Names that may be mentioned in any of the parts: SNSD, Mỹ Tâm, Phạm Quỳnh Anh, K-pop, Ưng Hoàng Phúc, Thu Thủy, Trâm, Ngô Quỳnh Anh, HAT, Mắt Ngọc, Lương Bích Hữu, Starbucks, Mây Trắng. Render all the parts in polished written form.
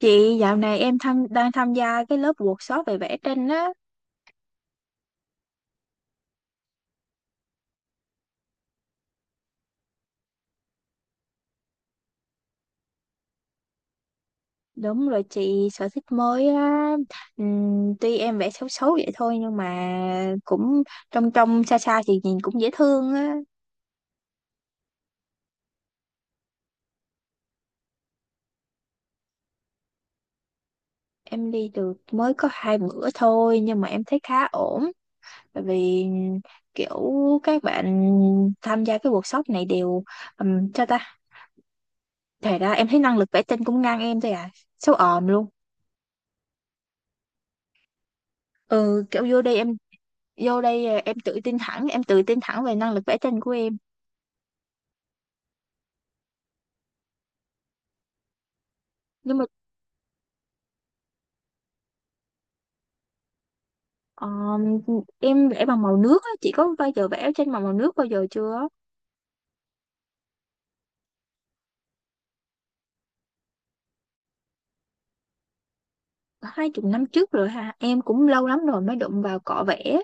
Chị dạo này em tham, đang tham gia cái lớp workshop về vẽ tranh á. Đúng rồi chị, sở thích mới á. Tuy em vẽ xấu xấu vậy thôi nhưng mà cũng trong trong xa xa thì nhìn cũng dễ thương á. Em đi được mới có hai bữa thôi nhưng mà em thấy khá ổn. Bởi vì kiểu các bạn tham gia cái workshop này đều cho ta. Thật ra em thấy năng lực vẽ tranh cũng ngang em thôi à. Xấu òm luôn. Ừ, kiểu vô đây em tự tin thẳng về năng lực vẽ tranh của em, nhưng mà ờ, em vẽ bằng màu nước á. Chị có bao giờ vẽ tranh bằng màu nước bao giờ chưa? Hai chục năm trước rồi hả? Em cũng lâu lắm rồi mới đụng vào cọ vẽ.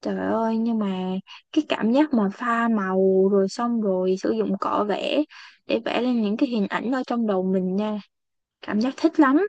Trời ơi, nhưng mà cái cảm giác mà pha màu rồi xong rồi sử dụng cọ vẽ để vẽ lên những cái hình ảnh ở trong đầu mình nha, cảm giác thích lắm.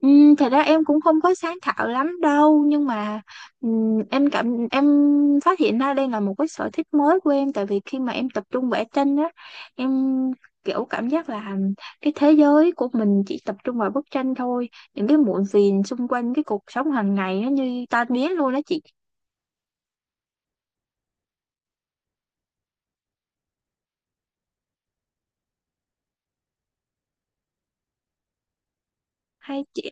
Ừ, thật ra em cũng không có sáng tạo lắm đâu, nhưng mà em cảm em phát hiện ra đây là một cái sở thích mới của em. Tại vì khi mà em tập trung vẽ tranh á, em kiểu cảm giác là cái thế giới của mình chỉ tập trung vào bức tranh thôi, những cái muộn phiền xung quanh cái cuộc sống hàng ngày nó như tan biến luôn đó chị. Hay chị,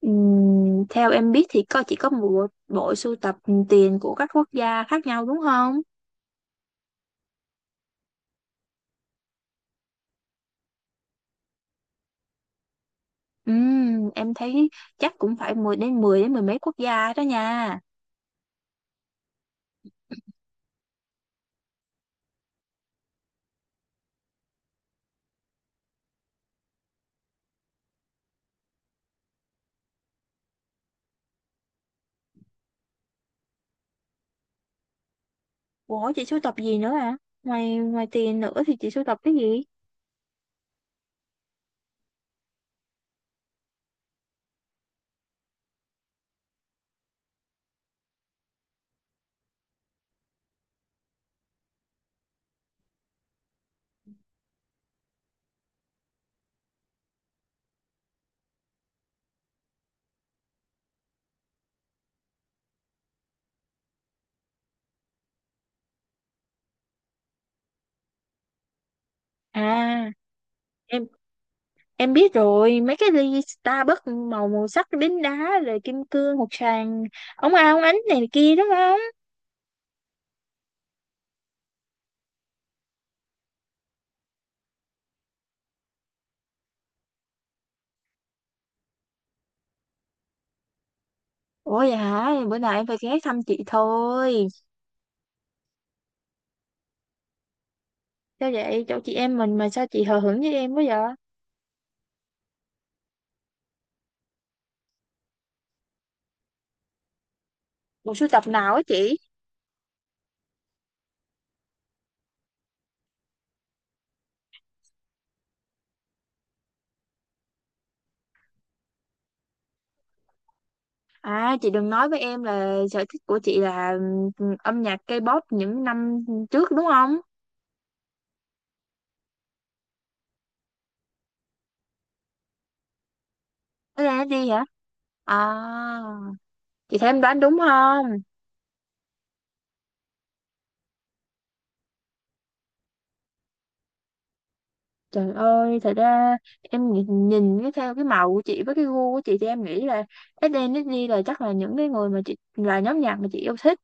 theo em biết thì có chỉ có một bộ sưu tập tiền của các quốc gia khác nhau đúng không? Em thấy chắc cũng phải mười mấy quốc gia đó nha. Ủa chị sưu tập gì nữa à? Ngoài ngoài tiền nữa thì chị sưu tập cái gì? À, em em biết rồi, mấy cái ly Starbucks màu màu sắc đính đá rồi kim cương, hột xoàn, ống ao ống ánh này kia đúng không? Ủa vậy hả? Bữa nào em phải ghé thăm chị thôi. Sao vậy? Chỗ chị em mình mà sao chị hờ hững với em quá vậy? Bộ sưu tập nào á chị? À chị đừng nói với em là sở thích của chị là âm nhạc K-pop những năm trước đúng không? Thế là nó đi hả? À chị thấy em đoán đúng không? Trời ơi, thật ra em nhìn cái theo cái màu của chị với cái gu của chị thì em nghĩ là SNSD là chắc là những cái người mà chị, là nhóm nhạc mà chị yêu thích.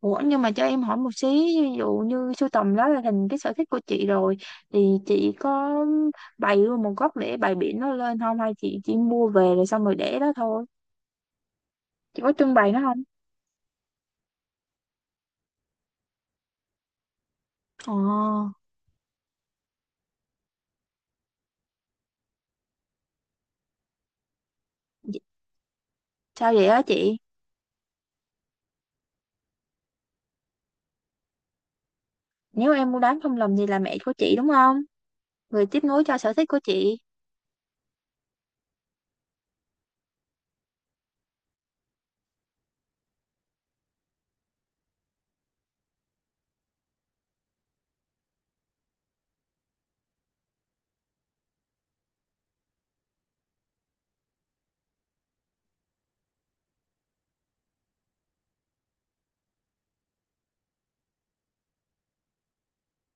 Ủa nhưng mà cho em hỏi một xí, ví dụ như sưu tầm đó là thành cái sở thích của chị rồi, thì chị có bày luôn một góc để bày biển nó lên không, hay chị chỉ mua về rồi xong rồi để đó thôi? Chị có trưng bày nó không? Ồ, sao vậy á chị? Nếu em mua bán không lầm thì là mẹ của chị đúng không? Người tiếp nối cho sở thích của chị.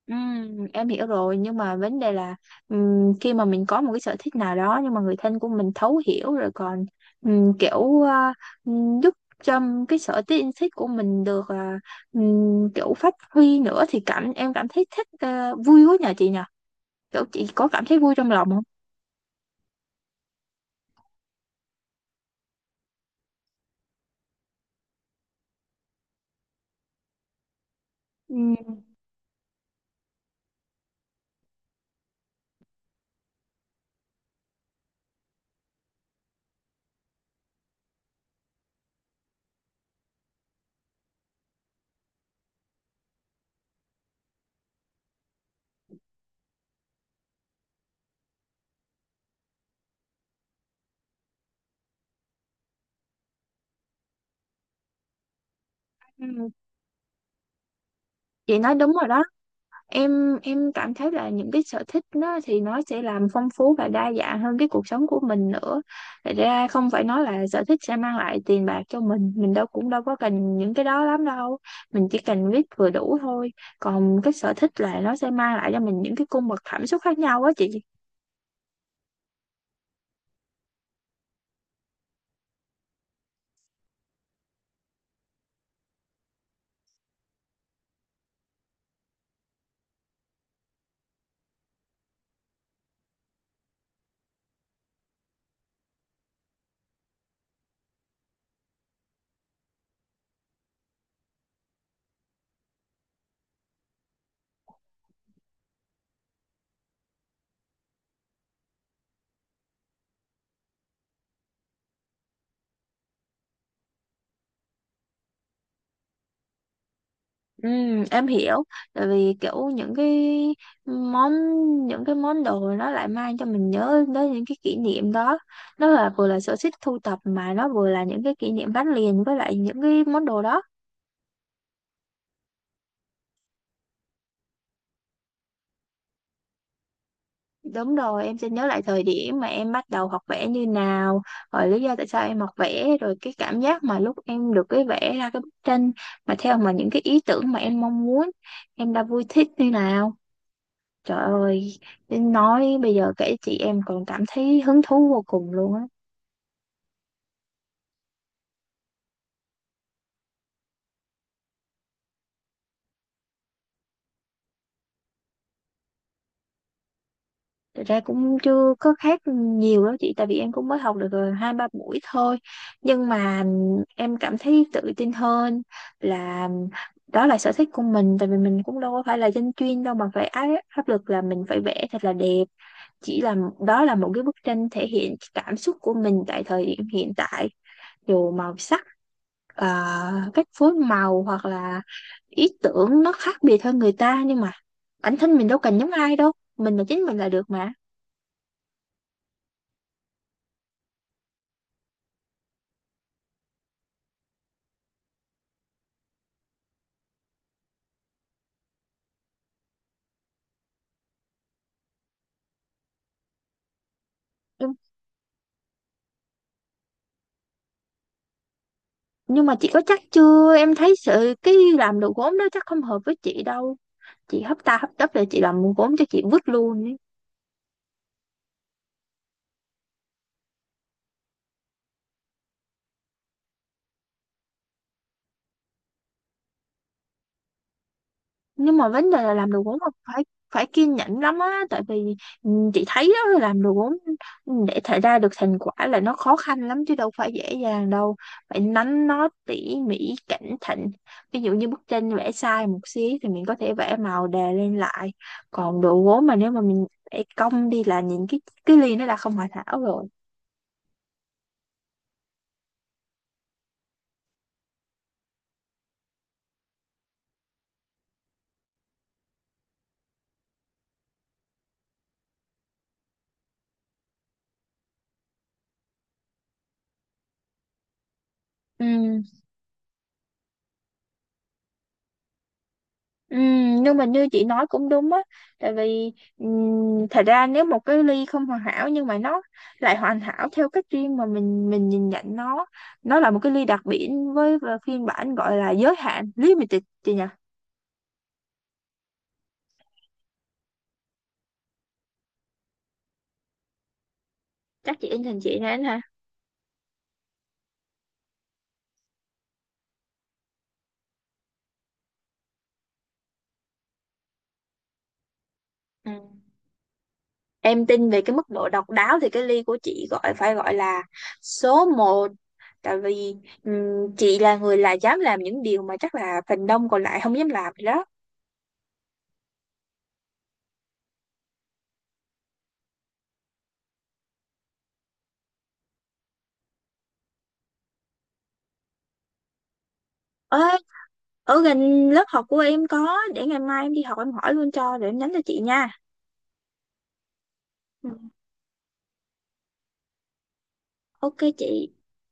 Em hiểu rồi, nhưng mà vấn đề là khi mà mình có một cái sở thích nào đó nhưng mà người thân của mình thấu hiểu rồi còn ừm, kiểu à, giúp cho cái sở thích yêu thích của mình được kiểu phát huy nữa thì cảm thấy thích, à, vui quá. Nhờ chị nhờ kiểu chị có cảm thấy vui trong lòng không? Ừm. Ừm, chị nói đúng rồi đó. Em cảm thấy là những cái sở thích nó thì nó sẽ làm phong phú và đa dạng hơn cái cuộc sống của mình nữa. Thật ra không phải nói là sở thích sẽ mang lại tiền bạc cho mình. Mình đâu cũng đâu có cần những cái đó lắm đâu, mình chỉ cần biết vừa đủ thôi. Còn cái sở thích là nó sẽ mang lại cho mình những cái cung bậc cảm xúc khác nhau á chị. Ừ, em hiểu, tại vì kiểu món những cái món đồ nó lại mang cho mình nhớ đến những cái kỷ niệm đó. Nó là vừa là sở thích thu tập mà nó vừa là những cái kỷ niệm gắn liền với lại những cái món đồ đó. Đúng rồi, em sẽ nhớ lại thời điểm mà em bắt đầu học vẽ như nào, rồi lý do tại sao em học vẽ, rồi cái cảm giác mà lúc em được cái vẽ ra cái bức tranh mà theo mà những cái ý tưởng mà em mong muốn, em đã vui thích như nào. Trời ơi, đến nói bây giờ kể chị em còn cảm thấy hứng thú vô cùng luôn á. Thật ra cũng chưa có khác nhiều đó chị, tại vì em cũng mới học được hai ba buổi thôi. Nhưng mà em cảm thấy tự tin hơn là đó là sở thích của mình, tại vì mình cũng đâu có phải là dân chuyên đâu mà phải áp áp lực là mình phải vẽ thật là đẹp. Chỉ là đó là một cái bức tranh thể hiện cảm xúc của mình tại thời điểm hiện tại, dù màu sắc, cách phối màu, hoặc là ý tưởng nó khác biệt hơn người ta, nhưng mà bản thân mình đâu cần giống ai đâu, mình là chính mình là được mà. nhưng, nhưng mà chị có chắc chưa? Em thấy sự cái làm đồ gốm đó chắc không hợp với chị đâu. Chị hấp tấp rồi chị làm gốm cho chị vứt luôn ấy. Nhưng mà vấn đề là làm đồ gốm là phải phải kiên nhẫn lắm á, tại vì ừ, chị thấy đó, làm đồ gốm ừ, để thể ra được thành quả là nó khó khăn lắm chứ đâu phải dễ dàng đâu, phải nắn nót tỉ mỉ cẩn thận. Ví dụ như bức tranh vẽ sai một xí thì mình có thể vẽ màu đè lên lại, còn đồ gốm mà nếu mà mình vẽ cong đi là nhìn cái ly nó đã không hoàn hảo rồi. Ừ. Ừ, nhưng mà như chị nói cũng đúng á, tại vì thật ra nếu một cái ly không hoàn hảo nhưng mà nó lại hoàn hảo theo cách riêng mà mình nhìn nhận nó là một cái ly đặc biệt với và phiên bản gọi là giới hạn limited chị nhỉ. Chắc chị in thành chị này ha. Ừ. Em tin về cái mức độ độc đáo thì cái ly của chị gọi phải gọi là số một, tại vì chị là người là dám làm những điều mà chắc là phần đông còn lại không dám làm đó. Ê, ở gần lớp học của em có để ngày mai em đi học em hỏi luôn cho rồi em nhắn cho chị nha. Ừ. Ok chị.